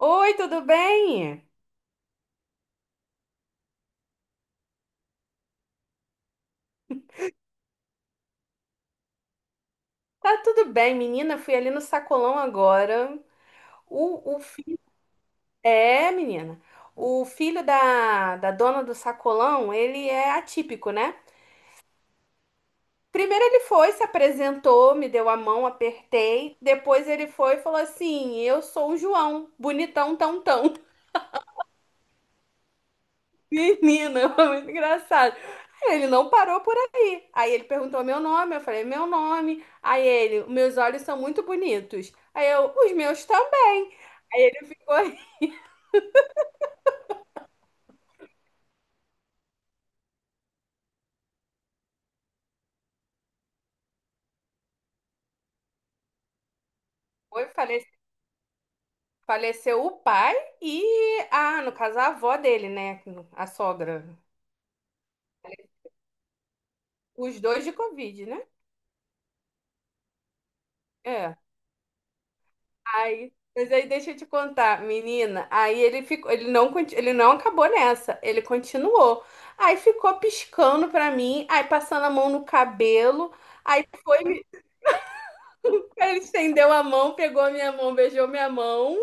Oi, tudo bem? Tá tudo bem, menina. Fui ali no sacolão agora. O filho. É, menina. O filho da dona do sacolão, ele é atípico, né? Primeiro ele foi, se apresentou, me deu a mão, apertei. Depois ele foi e falou assim: eu sou o João, bonitão, tão, tão. Menina, foi muito engraçado. Aí ele não parou por aí. Aí ele perguntou meu nome, eu falei meu nome. Aí ele, meus olhos são muito bonitos. Aí eu, os meus também. Aí ele ficou, foi, faleceu o pai e ah, no caso a avó dele, né, a sogra. Os dois de Covid, né? É. Aí, mas aí deixa eu te contar, menina. Aí ele ficou, ele não, ele não acabou nessa, ele continuou. Aí ficou piscando pra mim, aí passando a mão no cabelo. Aí foi, ele estendeu a mão, pegou a minha mão, beijou minha mão.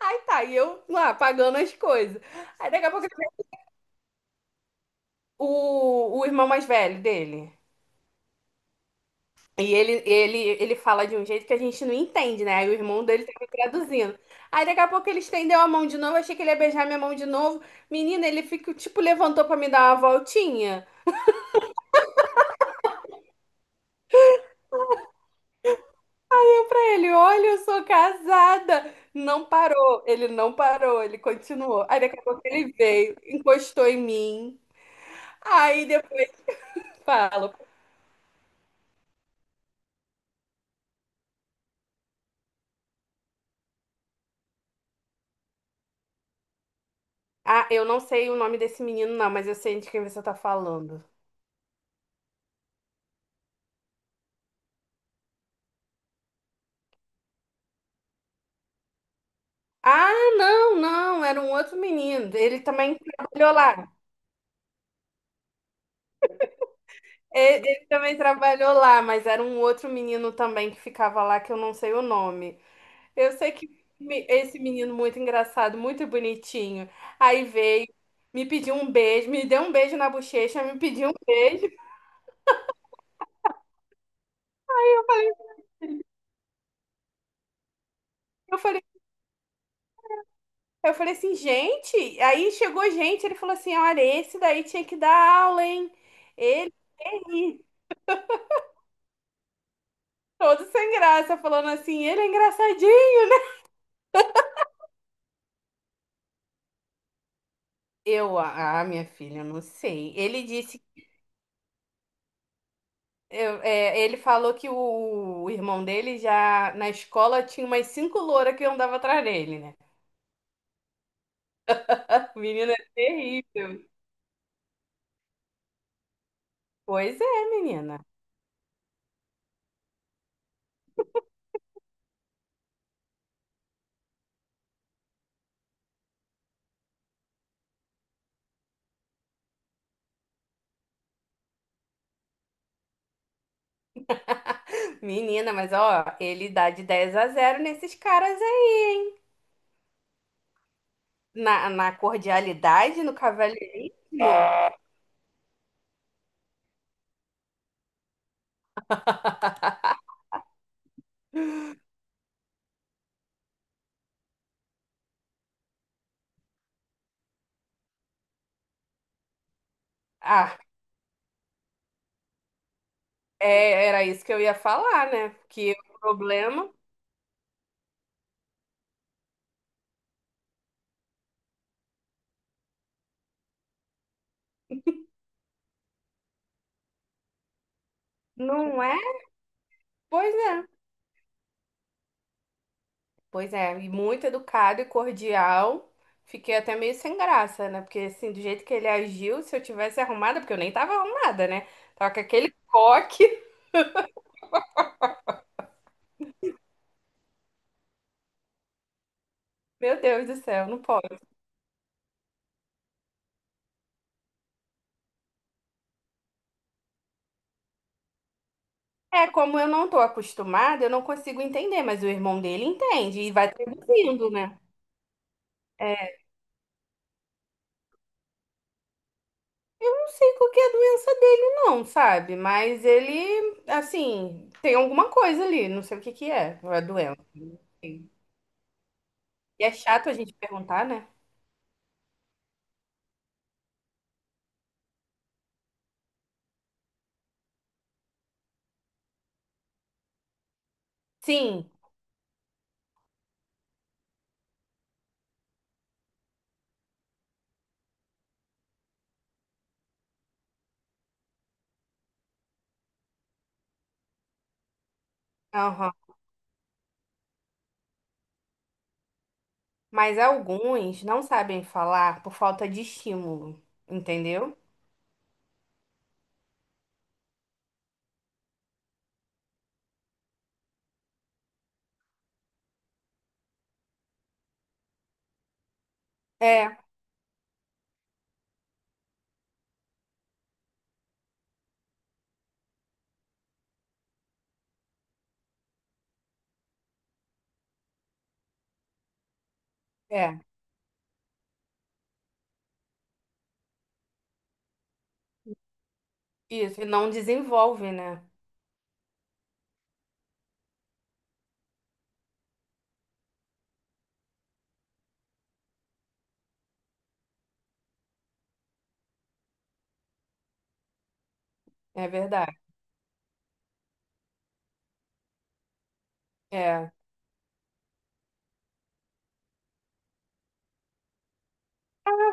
Aí tá, e eu lá pagando as coisas. Aí daqui a pouco ele, o irmão mais velho dele. E ele fala de um jeito que a gente não entende, né? Aí o irmão dele tava traduzindo. Aí daqui a pouco ele estendeu a mão de novo, achei que ele ia beijar minha mão de novo. Menina, ele fica, tipo, levantou pra me dar uma voltinha. Pra ele, olha, eu sou casada. Não parou, ele não parou, ele continuou. Aí daqui a pouco ele veio, encostou em mim. Aí depois eu falo. Ah, eu não sei o nome desse menino, não, mas eu sei de quem você tá falando. Ah, não, não, era um outro menino. Ele também trabalhou lá. Ele também trabalhou lá, mas era um outro menino também que ficava lá que eu não sei o nome. Eu sei que esse menino muito engraçado, muito bonitinho. Aí veio, me pediu um beijo, me deu um beijo na bochecha, me pediu um beijo. Eu falei, eu falei assim, gente. Aí chegou gente, ele falou assim: olha, esse daí tinha que dar aula, hein? Ele, todo sem graça, falando assim, ele é engraçadinho. Eu, ah, minha filha, eu não sei. Ele disse, é, ele falou que o irmão dele já na escola tinha umas cinco louras que andava atrás dele, né? Menina, é terrível. Pois é, menina. Menina, mas ó, ele dá de 10-0 nesses caras aí. Na cordialidade, no cavalheirismo. Ah, é, era isso que eu ia falar, né? Que o problema não é. Pois é. Pois é, e muito educado e cordial. Fiquei até meio sem graça, né? Porque assim, do jeito que ele agiu, se eu tivesse arrumada, porque eu nem tava arrumada, né? Tava com aquele coque. Meu Deus do céu, não pode. É, como eu não tô acostumada, eu não consigo entender, mas o irmão dele entende e vai traduzindo, né? Não sei qual que é a doença dele, não, sabe? Mas ele, assim, tem alguma coisa ali, não sei o que que é, a doença. E é chato a gente perguntar, né? Sim, aham. Mas alguns não sabem falar por falta de estímulo, entendeu? É, é. Isso, e não desenvolve, né? É verdade. É.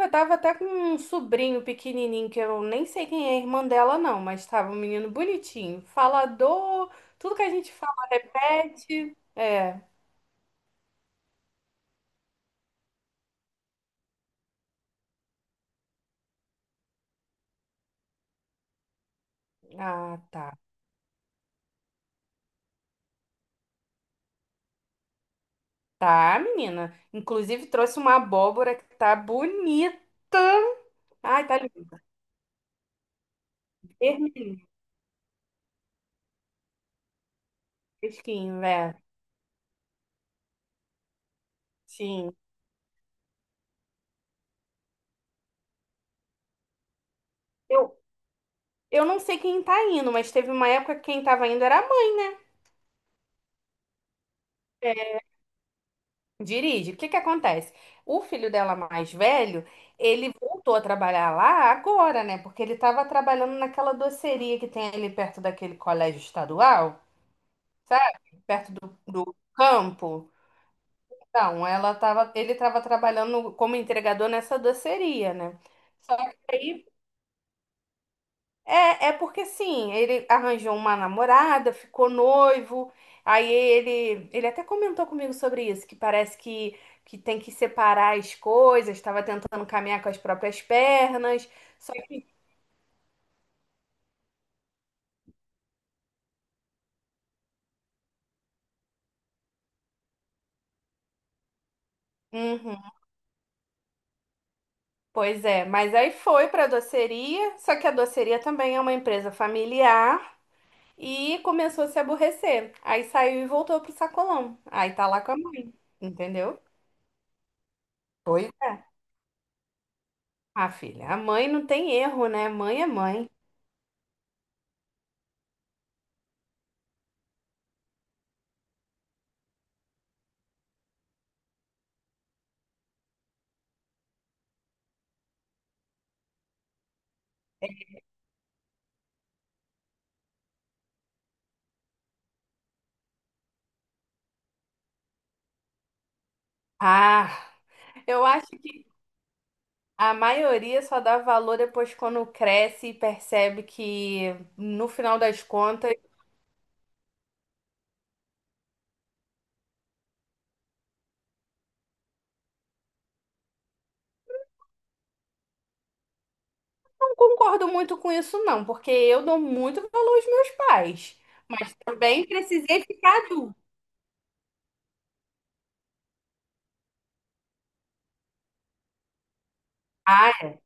Eu tava até com um sobrinho pequenininho, que eu nem sei quem é a irmã dela, não, mas tava um menino bonitinho, falador, tudo que a gente falete. É. Ah, tá. Tá, menina. Inclusive trouxe uma abóbora que tá bonita. Ai, tá lindo. Vermelhinho, é. Sim. Eu não sei quem tá indo, mas teve uma época que quem tava indo era a mãe. Né? Dirige. O que que acontece? O filho dela mais velho, ele voltou a trabalhar lá agora, né? Porque ele tava trabalhando naquela doceria que tem ali perto daquele colégio estadual, sabe? Perto do campo. Então, ela tava, ele tava trabalhando como entregador nessa doceria, né? Só que aí, é porque assim, ele arranjou uma namorada, ficou noivo, aí ele até comentou comigo sobre isso, que parece que, tem que separar as coisas, estava tentando caminhar com as próprias pernas, só que... Uhum, pois é, mas aí foi para a doceria, só que a doceria também é uma empresa familiar e começou a se aborrecer, aí saiu e voltou pro sacolão, aí tá lá com a mãe, entendeu? Pois é. Ah, filha, a mãe não tem erro, né? Mãe é mãe. Ah, eu acho que a maioria só dá valor depois quando cresce e percebe que, no final das contas, não concordo muito com isso, não, porque eu dou muito valor aos meus pais, mas também precisei ficar adulta. Ah, é.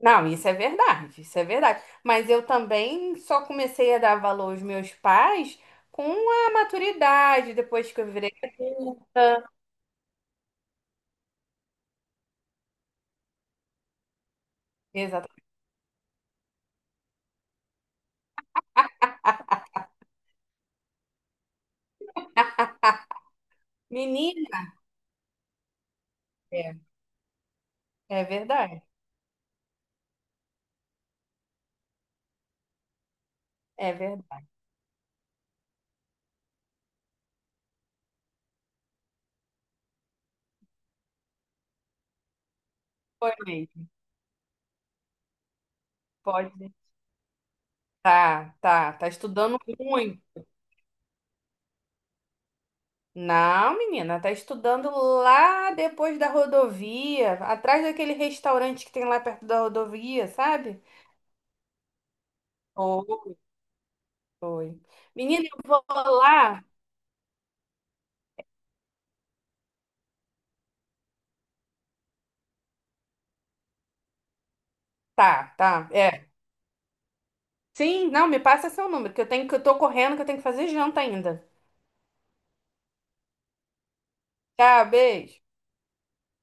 Não, isso é verdade, isso é verdade. Mas eu também só comecei a dar valor aos meus pais com a maturidade, depois que eu virei adulta. Exato. Menina, é, é verdade, é verdade. Foi mesmo, pode tá, tá, tá estudando ruim. Não, menina, tá estudando lá depois da rodovia, atrás daquele restaurante que tem lá perto da rodovia, sabe? Oi, foi. Menina, eu vou lá. Tá, tá, é. Sim, não, me passa seu número, que eu tenho que eu tô correndo, que eu tenho que fazer janta ainda. Tá, beijo.